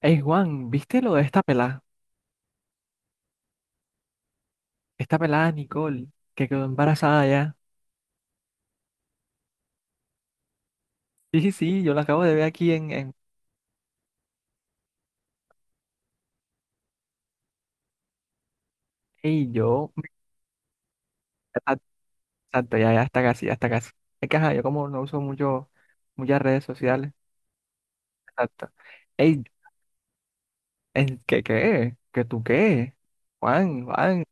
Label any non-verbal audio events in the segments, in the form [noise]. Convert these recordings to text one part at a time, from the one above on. Ey, Juan, ¿viste lo de esta pelada? Esta pelada Nicole, que quedó embarazada ya. Sí, sí, sí, yo la acabo de ver aquí en Ey, yo... ah, Exacto, ya, ya, está casi, ya está casi. Es que, ajá, yo como no uso mucho, muchas redes sociales. Exacto. Ey, ¿qué qué? ¿Qué tú qué? Juan, Juan.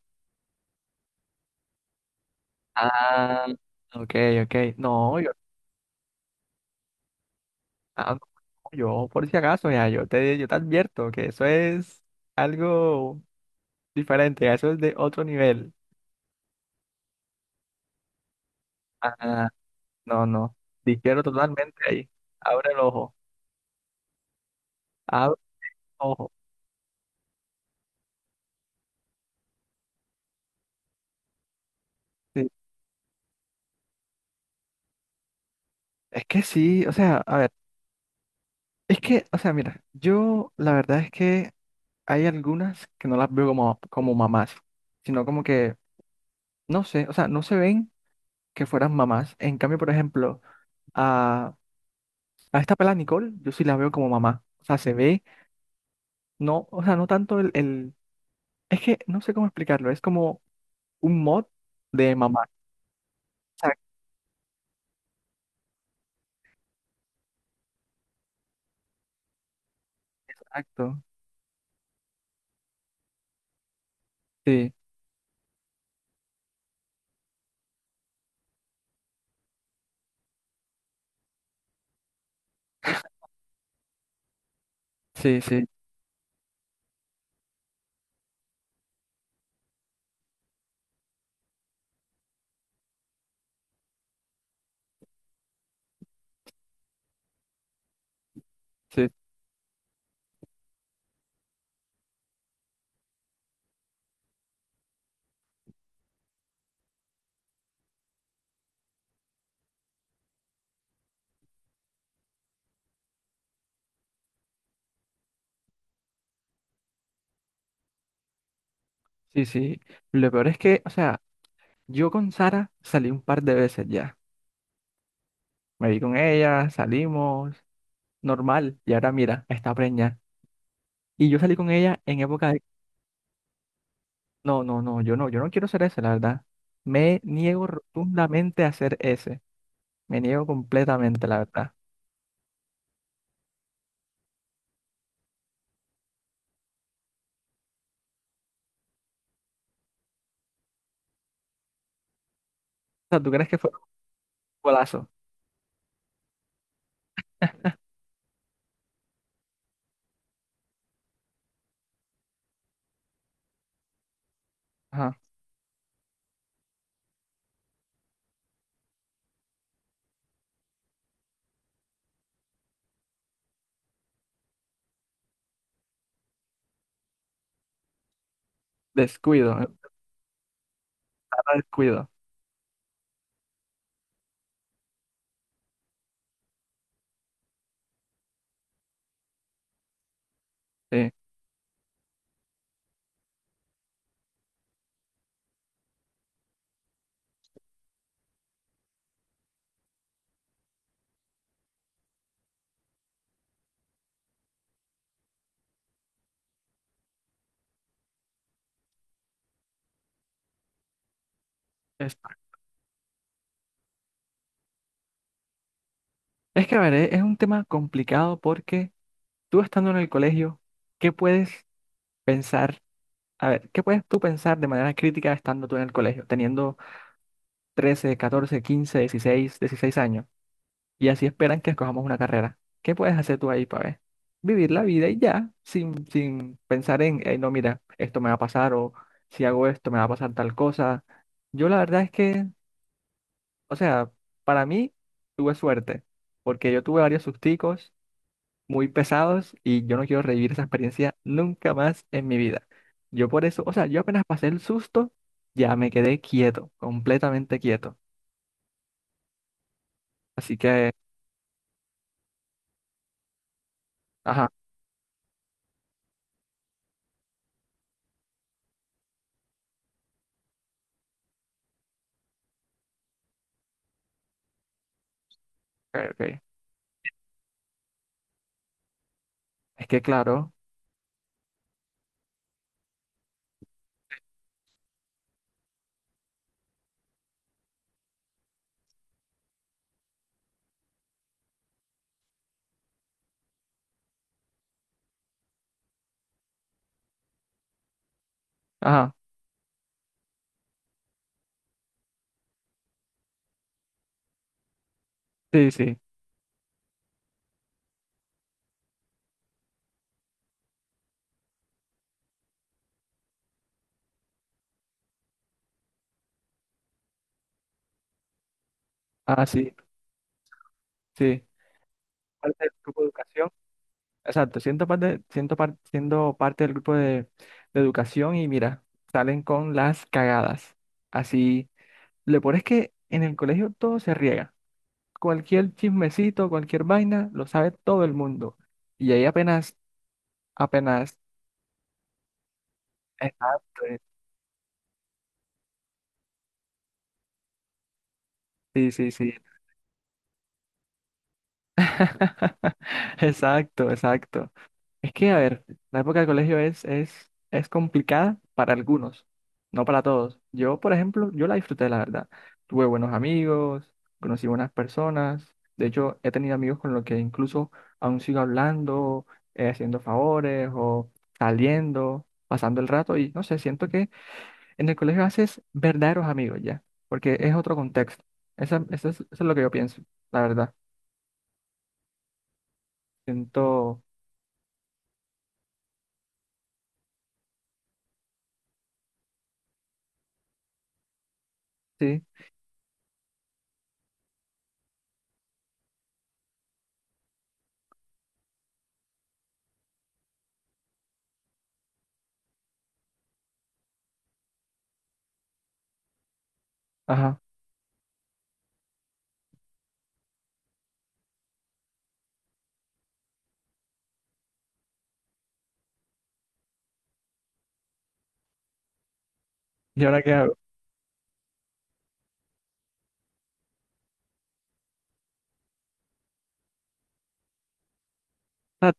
Ah, ok, ok. No, yo, por si acaso, ya, yo te advierto que eso es algo diferente, ya, eso es de otro nivel. Ah, No, no. Difiero totalmente ahí. Abre el ojo. Abre el ojo. Sí. O sea, a ver, o sea, mira, yo la verdad es que hay algunas que no las veo como mamás, sino como que, no sé, o sea, no se ven que fueran mamás. En cambio, por ejemplo, a, a esta pela Nicole, yo sí la veo como mamá. O sea, se ve, no, o sea, no tanto es que no sé cómo explicarlo, es como un mod de mamá. Exacto, exacto. Sí, sí, sí. Sí. Sí, sí. Lo peor es que, o sea, yo con Sara salí un par de veces ya. Me vi con ella, salimos, normal. Y ahora mira, está preñada. Y yo salí con ella en época de... No, no, no, yo no quiero ser ese, la verdad. Me niego rotundamente a ser ese. Me niego completamente, la verdad. O sea, ¿tú crees que fue un golazo? Ajá. Descuido, Sara descuido. Sí. Es, a ver, es un tema complicado porque tú estando en el colegio, ¿qué puedes pensar? A ver, ¿qué puedes tú pensar de manera crítica estando tú en el colegio, teniendo 13, 14, 15, 16 años? Y así esperan que escojamos una carrera. ¿Qué puedes hacer tú ahí para ver? Vivir la vida y ya, sin pensar en "Ey, no, mira, esto me va a pasar o si hago esto me va a pasar tal cosa". Yo la verdad es que, o sea, para mí tuve suerte, porque yo tuve varios susticos muy pesados y yo no quiero revivir esa experiencia nunca más en mi vida. Yo por eso, o sea, yo apenas pasé el susto, ya me quedé quieto, completamente quieto. Así que, ajá, ok, ok. Es que claro, ajá, sí, sí, ah, sí, sí. Parte del grupo de educación, exacto, siento parte, siendo parte del grupo de educación y mira, salen con las cagadas. Así, lo peor es que en el colegio todo se riega. Cualquier chismecito, cualquier vaina, lo sabe todo el mundo. Y ahí apenas, apenas, exacto, sí, sí, sí. [laughs] Exacto, exacto. Es que, a ver, la época del colegio es complicada para algunos, no para todos. Yo, por ejemplo, yo la disfruté, la verdad. Tuve buenos amigos, conocí buenas personas. De hecho, he tenido amigos con los que incluso aún sigo hablando, haciendo favores o saliendo, pasando el rato y no sé, siento que en el colegio haces verdaderos amigos ya, porque es otro contexto. Eso es lo que yo pienso, la verdad. Siento, sí, ajá. ¿Y ahora qué hago? O sea,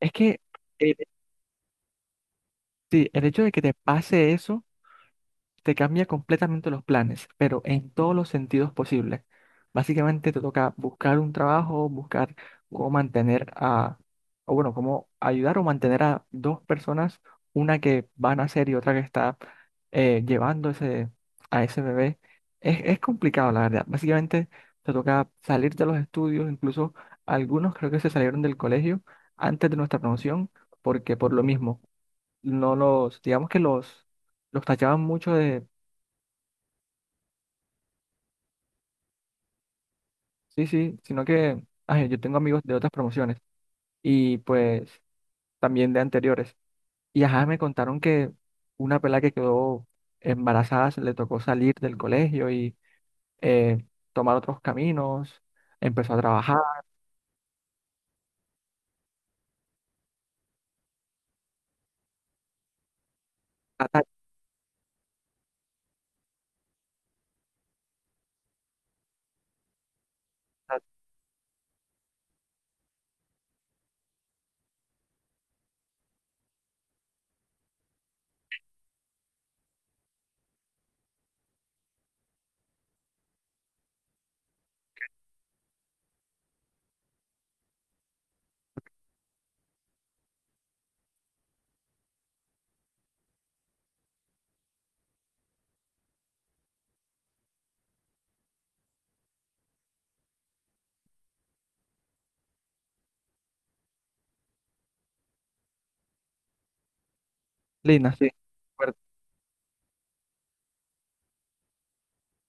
Es que el, sí, el hecho de que te pase eso te cambia completamente los planes, pero en todos los sentidos posibles. Básicamente te toca buscar un trabajo, buscar cómo mantener a, o bueno, cómo ayudar o mantener a dos personas, una que va a nacer y otra que está llevando ese, a ese bebé. Es complicado, la verdad. Básicamente te toca salir de los estudios, incluso algunos creo que se salieron del colegio antes de nuestra promoción, porque por lo mismo, no los, digamos que los tachaban mucho de, sí, sí, sino que ay, yo tengo amigos de otras promociones y pues también de anteriores. Y ajá, me contaron que una pela que quedó embarazada se le tocó salir del colegio y eh, tomar otros caminos, empezó a trabajar, ta, ta, ta, Lina, sí. Fuerte.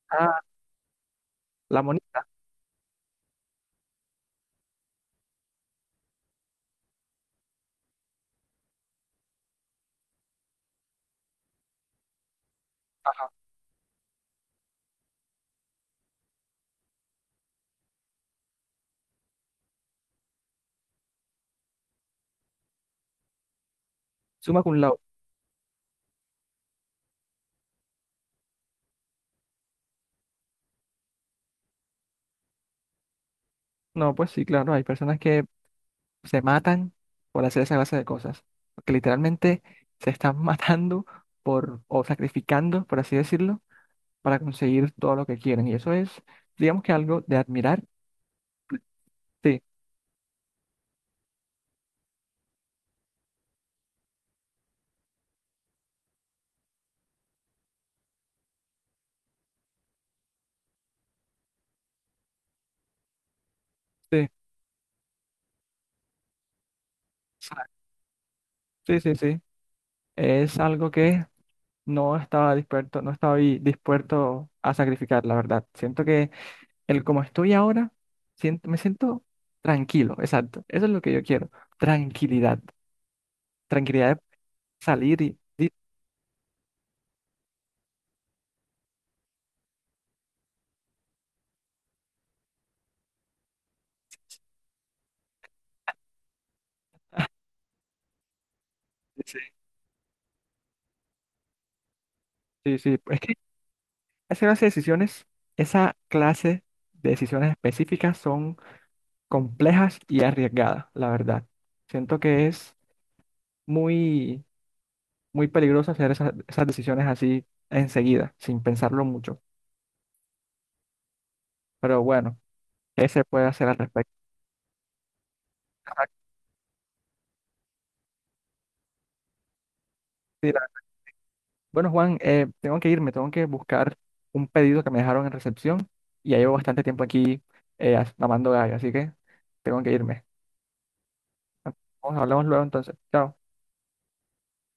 Ah, la monita, ajá, suma cum laude. No, pues sí, claro, hay personas que se matan por hacer esa clase de cosas, que literalmente se están [laughs] matando por, o sacrificando, por así decirlo, para conseguir todo lo que quieren. Y eso es, digamos que algo de admirar. Sí, sí, sí, sí, sí. Es algo que no estaba dispuesto, no estaba ahí dispuesto a sacrificar, la verdad. Siento que el como estoy ahora, siento, me siento tranquilo, exacto. Eso es lo que yo quiero. Tranquilidad. Tranquilidad de salir sí, sí, sí. Es que esa clase de decisiones, esa clase de decisiones específicas son complejas y arriesgadas, la verdad. Siento que es muy, muy peligroso hacer esas decisiones así enseguida, sin pensarlo mucho. Pero bueno, ¿qué se puede hacer al respecto? Ajá, mira. Bueno, Juan, tengo que irme, tengo que buscar un pedido que me dejaron en recepción y ya llevo bastante tiempo aquí as- mamando gallo, así que tengo que irme. Vamos, hablamos luego entonces. Chao.